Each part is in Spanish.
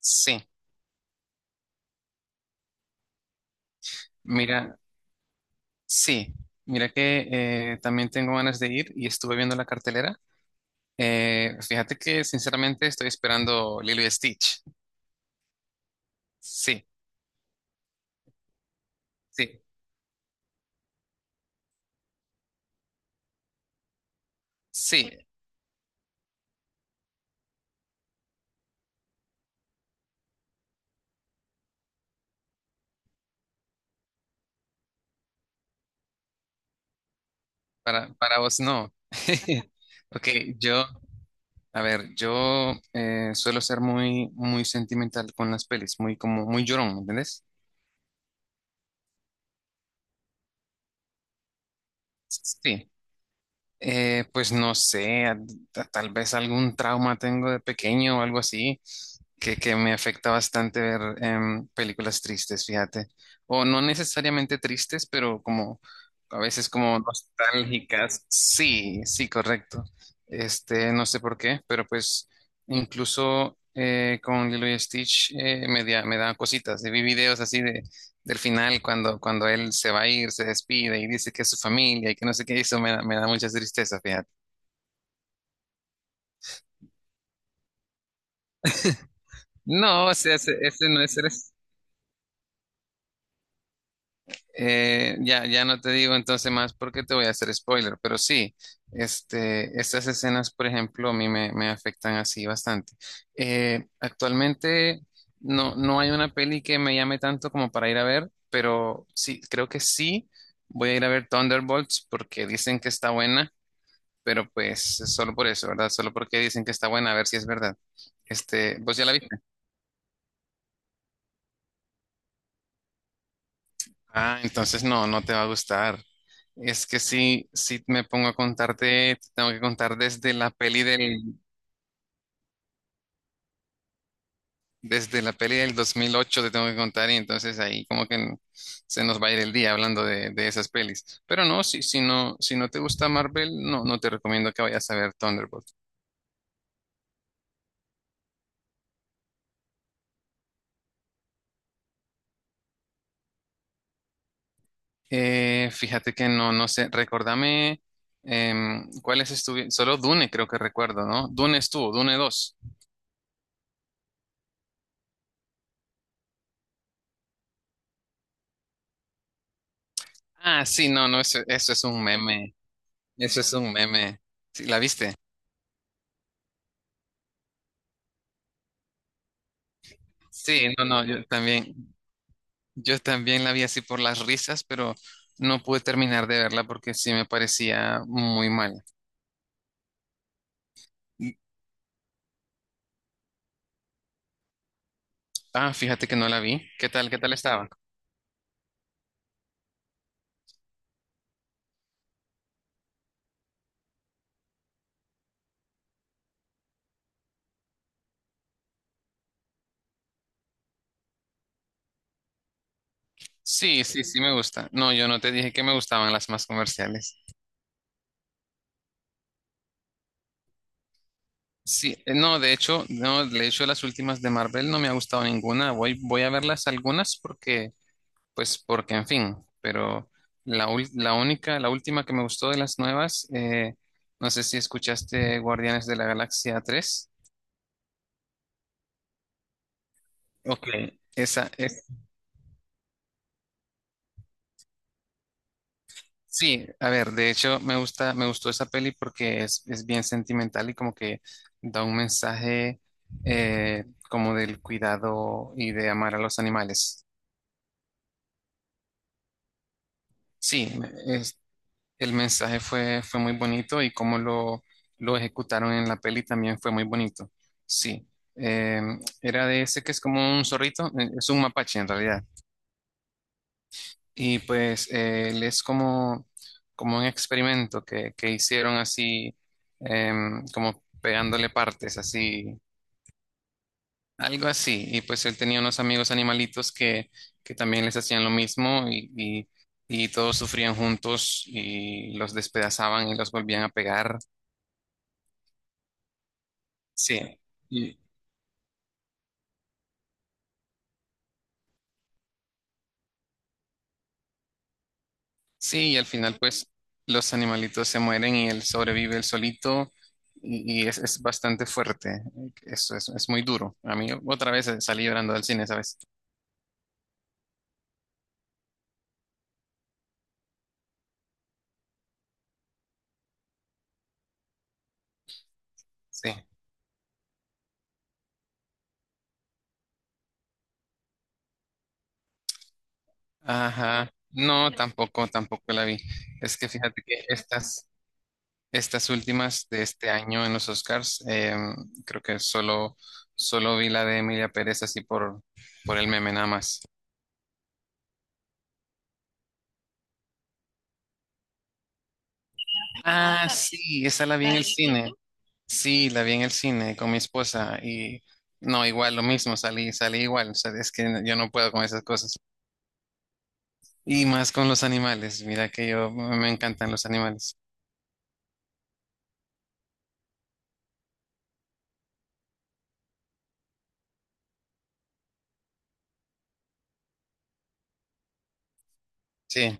Sí, mira, sí, mira que también tengo ganas de ir y estuve viendo la cartelera. Fíjate que sinceramente estoy esperando Lilo y Stitch. Sí, sí, sí, para vos no. Ok, yo, a ver, yo suelo ser muy, muy sentimental con las pelis, muy como, muy llorón, ¿me entendés? Sí, pues no sé, tal vez algún trauma tengo de pequeño o algo así, que me afecta bastante ver películas tristes, fíjate. O no necesariamente tristes, pero como a veces como nostálgicas. Sí, sí, correcto. Este, no sé por qué, pero pues incluso con Lilo y Stitch me da cositas. Vi videos así del final cuando él se va a ir, se despide y dice que es su familia y que no sé qué hizo, me da mucha tristeza, fíjate. No, o sea, ese no es el. Ya, ya no te digo entonces más porque te voy a hacer spoiler, pero sí, estas escenas, por ejemplo, a mí me afectan así bastante. Actualmente no hay una peli que me llame tanto como para ir a ver, pero sí, creo que sí voy a ir a ver Thunderbolts porque dicen que está buena. Pero pues es solo por eso, ¿verdad? Solo porque dicen que está buena, a ver si es verdad. Este, ¿vos ya la viste? Ah, entonces no te va a gustar. Es que si me pongo a contarte, te tengo que contar desde la peli del, 2008 te tengo que contar y entonces ahí como que se nos va a ir el día hablando de esas pelis. Pero no, si no te gusta Marvel, no te recomiendo que vayas a ver Thunderbolt. Fíjate que no sé. Recordame cuáles estuvieron. Solo Dune creo que recuerdo, ¿no? Dune estuvo, Dune dos. Ah, sí, no, no, eso es un meme. Eso es un meme. Sí, ¿la viste? Sí, no, no, yo también la vi así por las risas, pero no pude terminar de verla porque sí me parecía muy mal. Y- Ah, fíjate que no la vi. ¿Qué tal estaba? Sí, sí, sí me gusta. No, yo no te dije que me gustaban las más comerciales. Sí, no, de hecho las últimas de Marvel no me ha gustado ninguna. Voy a verlas algunas porque, pues, porque, en fin, pero la última que me gustó de las nuevas, no sé si escuchaste Guardianes de la Galaxia tres. Ok. Esa es, sí, a ver, de hecho me gustó esa peli porque es bien sentimental y como que da un mensaje eh, como del cuidado y de amar a los animales. Sí, el mensaje fue, muy bonito y cómo lo, ejecutaron en la peli también fue muy bonito. Sí, Eh, era de ese que es como un zorrito, es un mapache en realidad. Y pues él es como, un experimento que, hicieron así, como pegándole partes, así, algo así. Y pues él tenía unos amigos animalitos que, también les hacían lo mismo y, todos sufrían juntos y los despedazaban y los volvían a pegar. Sí, y, sí, y al final pues los animalitos se mueren y él sobrevive él solito y, es, bastante fuerte. Eso es, muy duro. A mí otra vez salí llorando del cine, ¿sabes? Sí. Ajá. No, tampoco la vi. Es que fíjate que estas, últimas de este año en los Oscars, creo que solo, vi la de Emilia Pérez así por, el meme nada más. Ah, sí, esa la vi en el cine. Sí, la vi en el cine con mi esposa y no, igual lo mismo, salí, igual, o sea, es que yo no puedo con esas cosas. Y más con los animales, mira que yo me encantan los animales. Sí,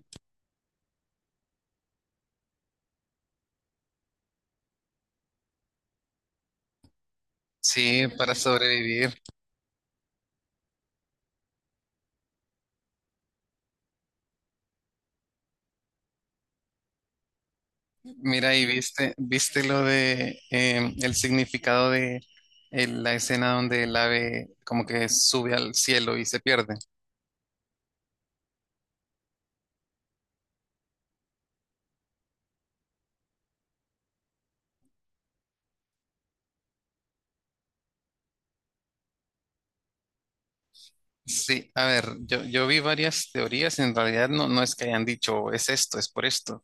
sí, para sobrevivir. Mira, y viste, lo de el significado de la escena donde el ave como que sube al cielo y se pierde. Sí, a ver, yo, vi varias teorías, en realidad no, es que hayan dicho es esto, es por esto.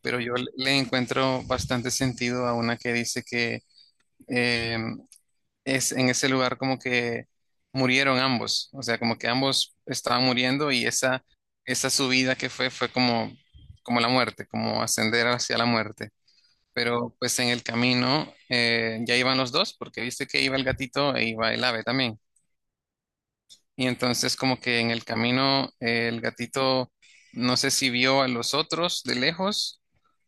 Pero yo le encuentro bastante sentido a una que dice que eh, es en ese lugar como que murieron ambos, o sea, como que ambos estaban muriendo y esa, subida que fue como, la muerte, como ascender hacia la muerte. Pero pues en el camino ya iban los dos, porque viste que iba el gatito e iba el ave también. Y entonces como que en el camino el gatito no sé si vio a los otros de lejos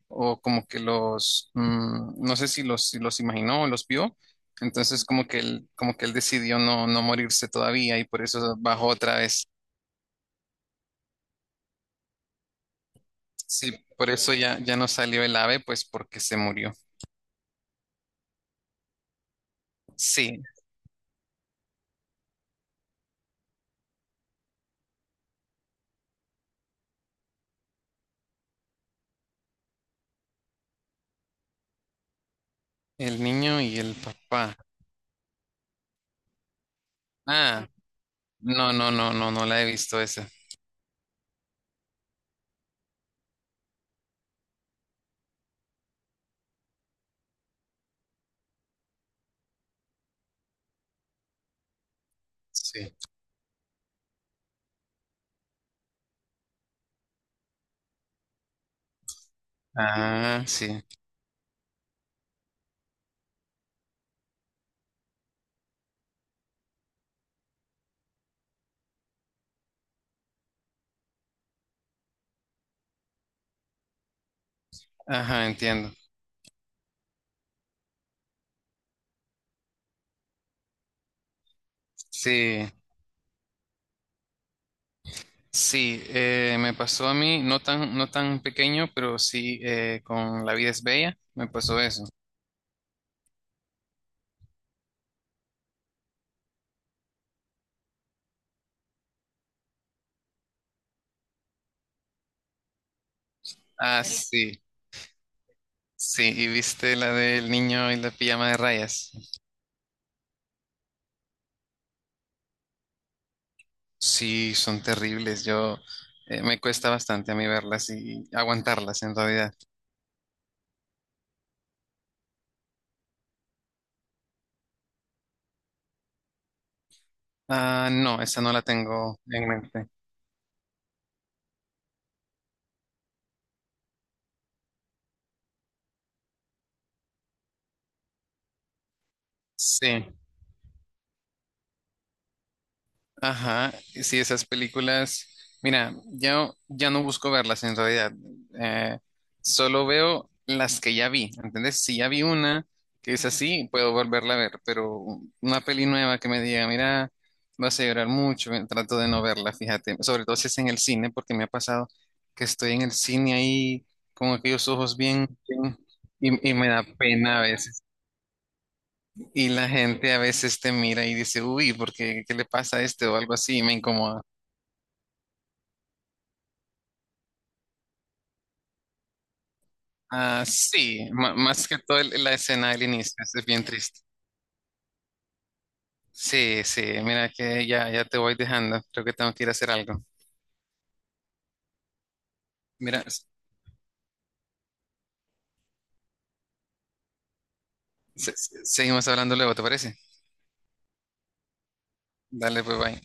o como que no sé si si los imaginó o los vio, entonces como que él decidió no, morirse todavía y por eso bajó otra vez. Sí, por eso ya, ya no salió el ave, pues porque se murió. Sí, el niño y el papá. Ah, no, no, no, no, no la he visto esa. Sí. Ah, sí. Ajá, entiendo. Sí, sí, me pasó a mí, no tan, pequeño, pero sí con La vida es bella, me pasó eso. Ah, sí, sí, y viste la del niño y la pijama de rayas. Sí, son terribles. Yo me cuesta bastante a mí verlas y aguantarlas en realidad. Ah, no, esa no la tengo en mente. Sí, ajá, sí, esas películas, mira, ya, ya no busco verlas en realidad, eh, solo veo las que ya vi, ¿entendés? Si ya vi una que es así, puedo volverla a ver, pero una peli nueva que me diga, mira, vas a llorar mucho, trato de no verla, fíjate, sobre todo si es en el cine, porque me ha pasado que estoy en el cine ahí con aquellos ojos bien, bien, y, me da pena a veces, y la gente a veces te mira y dice, uy, ¿por ¿qué qué le pasa a este o algo así? Y me incomoda. Ah, sí, más que todo la escena del inicio, eso es bien triste. Sí, sí, mira que ya, ya te voy dejando, creo que tengo que ir a hacer algo. Mira, seguimos hablando luego, ¿te parece? Dale, pues bye.